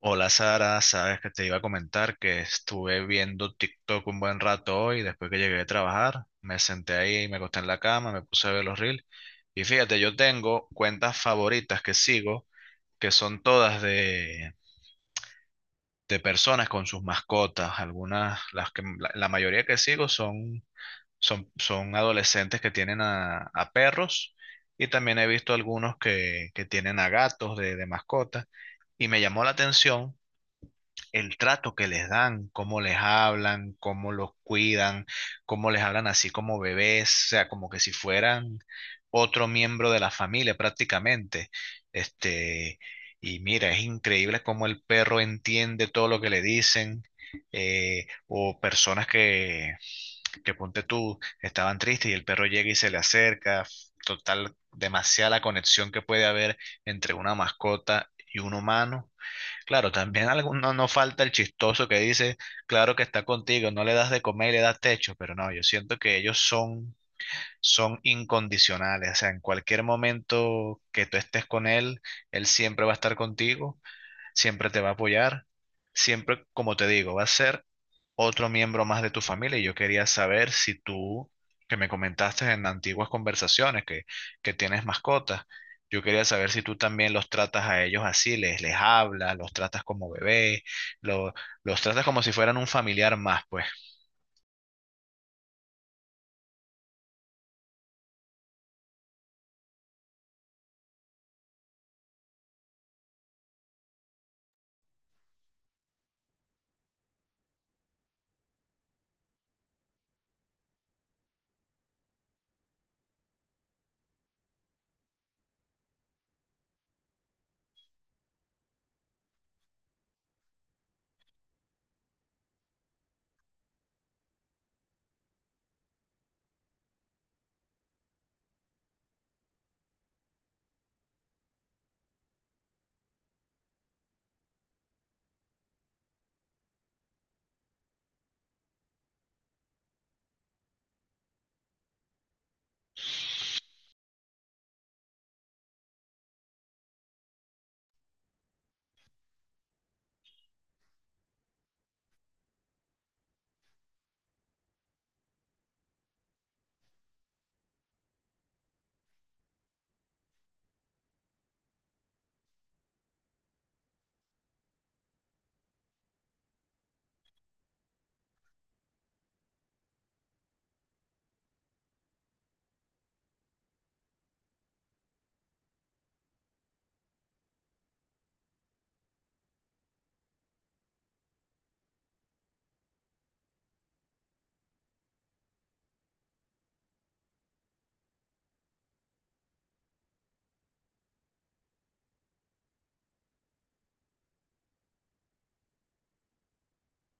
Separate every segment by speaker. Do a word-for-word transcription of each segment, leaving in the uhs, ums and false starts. Speaker 1: Hola Sara, sabes que te iba a comentar que estuve viendo TikTok un buen rato hoy, después que llegué de trabajar, me senté ahí, me acosté en la cama, me puse a ver los reels y fíjate, yo tengo cuentas favoritas que sigo, que son todas de, de personas con sus mascotas, algunas, las que, la, la mayoría que sigo son, son, son adolescentes que tienen a, a perros y también he visto algunos que, que tienen a gatos de, de mascota y me llamó la atención el trato que les dan, cómo les hablan, cómo los cuidan, cómo les hablan así como bebés, o sea, como que si fueran otro miembro de la familia prácticamente. Este, y mira, es increíble cómo el perro entiende todo lo que le dicen. Eh, o personas que, que ponte tú, estaban tristes y el perro llega y se le acerca. Total, demasiada la conexión que puede haber entre una mascota y un humano. Claro, también alguno no no falta el chistoso que dice, claro que está contigo, no le das de comer y le das techo, pero no, yo siento que ellos son, son incondicionales, o sea, en cualquier momento que tú estés con él, él siempre va a estar contigo, siempre te va a apoyar, siempre, como te digo, va a ser otro miembro más de tu familia. Y yo quería saber si tú, que me comentaste en antiguas conversaciones que, que tienes mascotas, yo quería saber si tú también los tratas a ellos así, les, les hablas, los tratas como bebé, lo- los tratas como si fueran un familiar más, pues.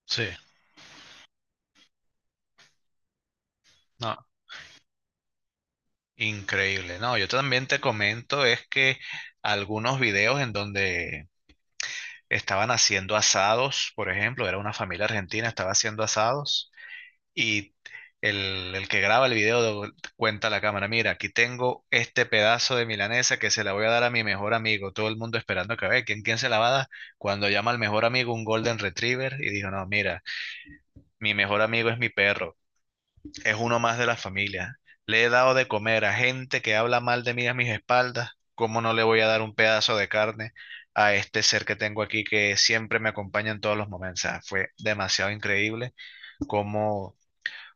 Speaker 1: Sí. No, increíble. No, yo también te comento es que algunos videos en donde estaban haciendo asados, por ejemplo, era una familia argentina, estaba haciendo asados y el, el que graba el video do- cuenta a la cámara, mira, aquí tengo este pedazo de milanesa que se la voy a dar a mi mejor amigo, todo el mundo esperando que vea, ¿quién, quién se la va a dar? Cuando llama al mejor amigo un Golden Retriever y dijo, no, mira, mi mejor amigo es mi perro, es uno más de la familia. Le he dado de comer a gente que habla mal de mí a mis espaldas. ¿Cómo no le voy a dar un pedazo de carne a este ser que tengo aquí que siempre me acompaña en todos los momentos? O sea, fue demasiado increíble cómo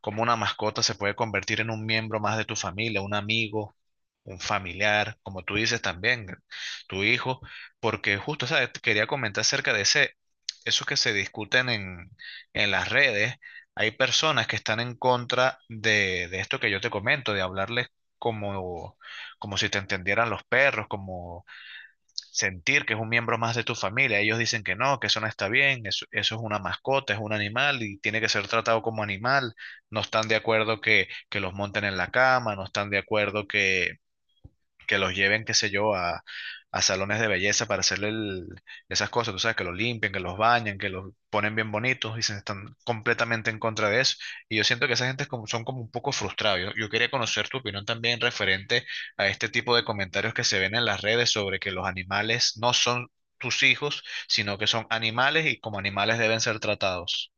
Speaker 1: cómo una mascota se puede convertir en un miembro más de tu familia, un amigo, un familiar, como tú dices también, tu hijo, porque justo, ¿sabes? Quería comentar acerca de ese, esos que se discuten en, en las redes. Hay personas que están en contra de, de esto que yo te comento, de hablarles como, como si te entendieran los perros, como sentir que es un miembro más de tu familia. Ellos dicen que no, que eso no está bien, eso, eso es una mascota, es un animal y tiene que ser tratado como animal. No están de acuerdo que, que los monten en la cama, no están de acuerdo que, que los lleven, qué sé yo, a, a salones de belleza para hacerle el- esas cosas, tú sabes, que los limpian, que los bañan, que los ponen bien bonitos y se están completamente en contra de eso. Y yo siento que esa gente es como, son como un poco frustrados. Yo, yo quería conocer tu opinión también referente a este tipo de comentarios que se ven en las redes sobre que los animales no son tus hijos, sino que son animales y como animales deben ser tratados.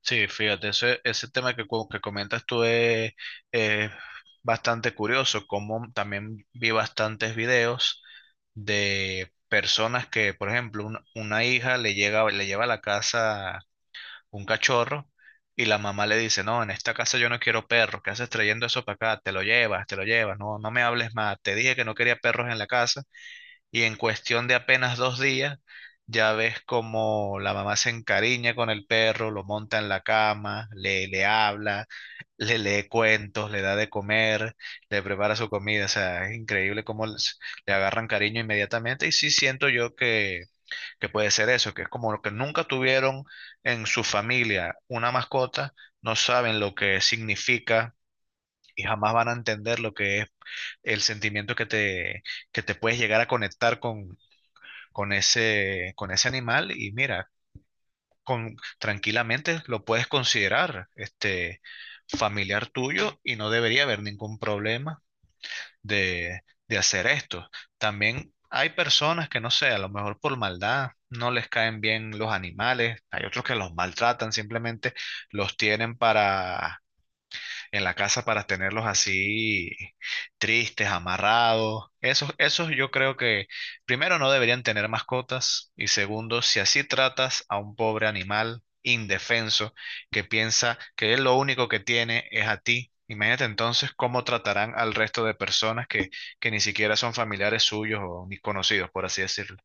Speaker 1: Sí, fíjate, ese, ese tema que, co- que comentas tú es, es bastante curioso, como también vi bastantes videos de personas que, por ejemplo, un- una hija le llega, le lleva a la casa un cachorro y la mamá le dice, no, en esta casa yo no quiero perros, ¿qué haces trayendo eso para acá? Te lo llevas, te lo llevas, no, no me hables más, te dije que no quería perros en la casa y en cuestión de apenas dos días ya ves como la mamá se encariña con el perro, lo monta en la cama, le, le habla, le lee cuentos, le da de comer, le prepara su comida. O sea, es increíble cómo les- le agarran cariño inmediatamente. Y sí siento yo que, que puede ser eso, que es como lo que nunca tuvieron en su familia una mascota, no saben lo que significa. Y jamás van a entender lo que es el sentimiento que te, que te puedes llegar a conectar con, con ese, con ese animal y mira, con, tranquilamente lo puedes considerar este familiar tuyo y no debería haber ningún problema de, de hacer esto. También hay personas que no sé, a lo mejor por maldad no les caen bien los animales, hay otros que los maltratan, simplemente los tienen para en la casa para tenerlos así tristes, amarrados. Esos, esos yo creo que primero no deberían tener mascotas y segundo, si así tratas a un pobre animal indefenso que piensa que él lo único que tiene es a ti. Imagínate entonces cómo tratarán al resto de personas que, que ni siquiera son familiares suyos o ni conocidos, por así decirlo.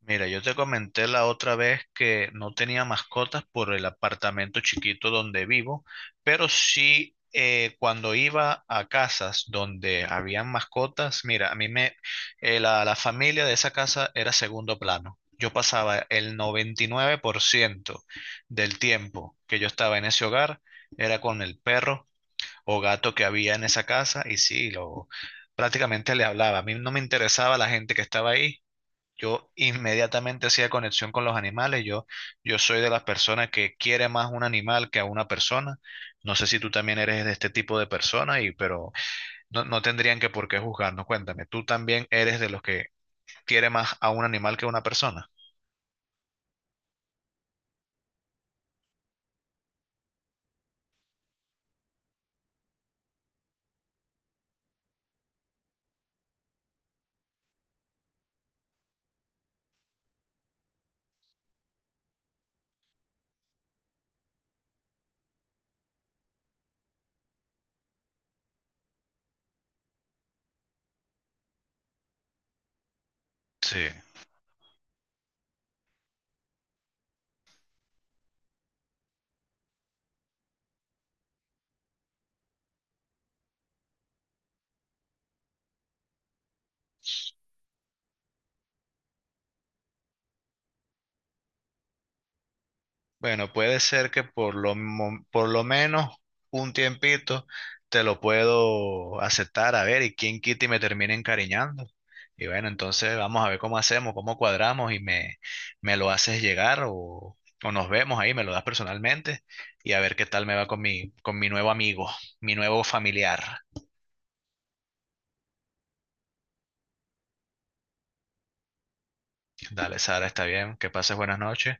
Speaker 1: Mira, yo te comenté la otra vez que no tenía mascotas por el apartamento chiquito donde vivo, pero sí eh, cuando iba a casas donde habían mascotas, mira, a mí me, eh, la, la familia de esa casa era segundo plano. Yo pasaba el noventa y nueve por ciento del tiempo que yo estaba en ese hogar, era con el perro o gato que había en esa casa y sí, lo, prácticamente le hablaba. A mí no me interesaba la gente que estaba ahí, yo inmediatamente hacía conexión con los animales. Yo, yo soy de las personas que quiere más un animal que a una persona. No sé si tú también eres de este tipo de persona, y, pero no, no tendrían que por qué juzgarnos. Cuéntame, ¿tú también eres de los que quiere más a un animal que a una persona? Sí. Bueno, puede ser que por lo, mo- por lo menos un tiempito te lo puedo aceptar, a ver, y quién quita y me termine encariñando. Y bueno, entonces vamos a ver cómo hacemos, cómo cuadramos y me, me lo haces llegar o, o nos vemos ahí, me lo das personalmente y a ver qué tal me va con mi, con mi nuevo amigo, mi nuevo familiar. Dale, Sara, está bien, que pases buenas noches.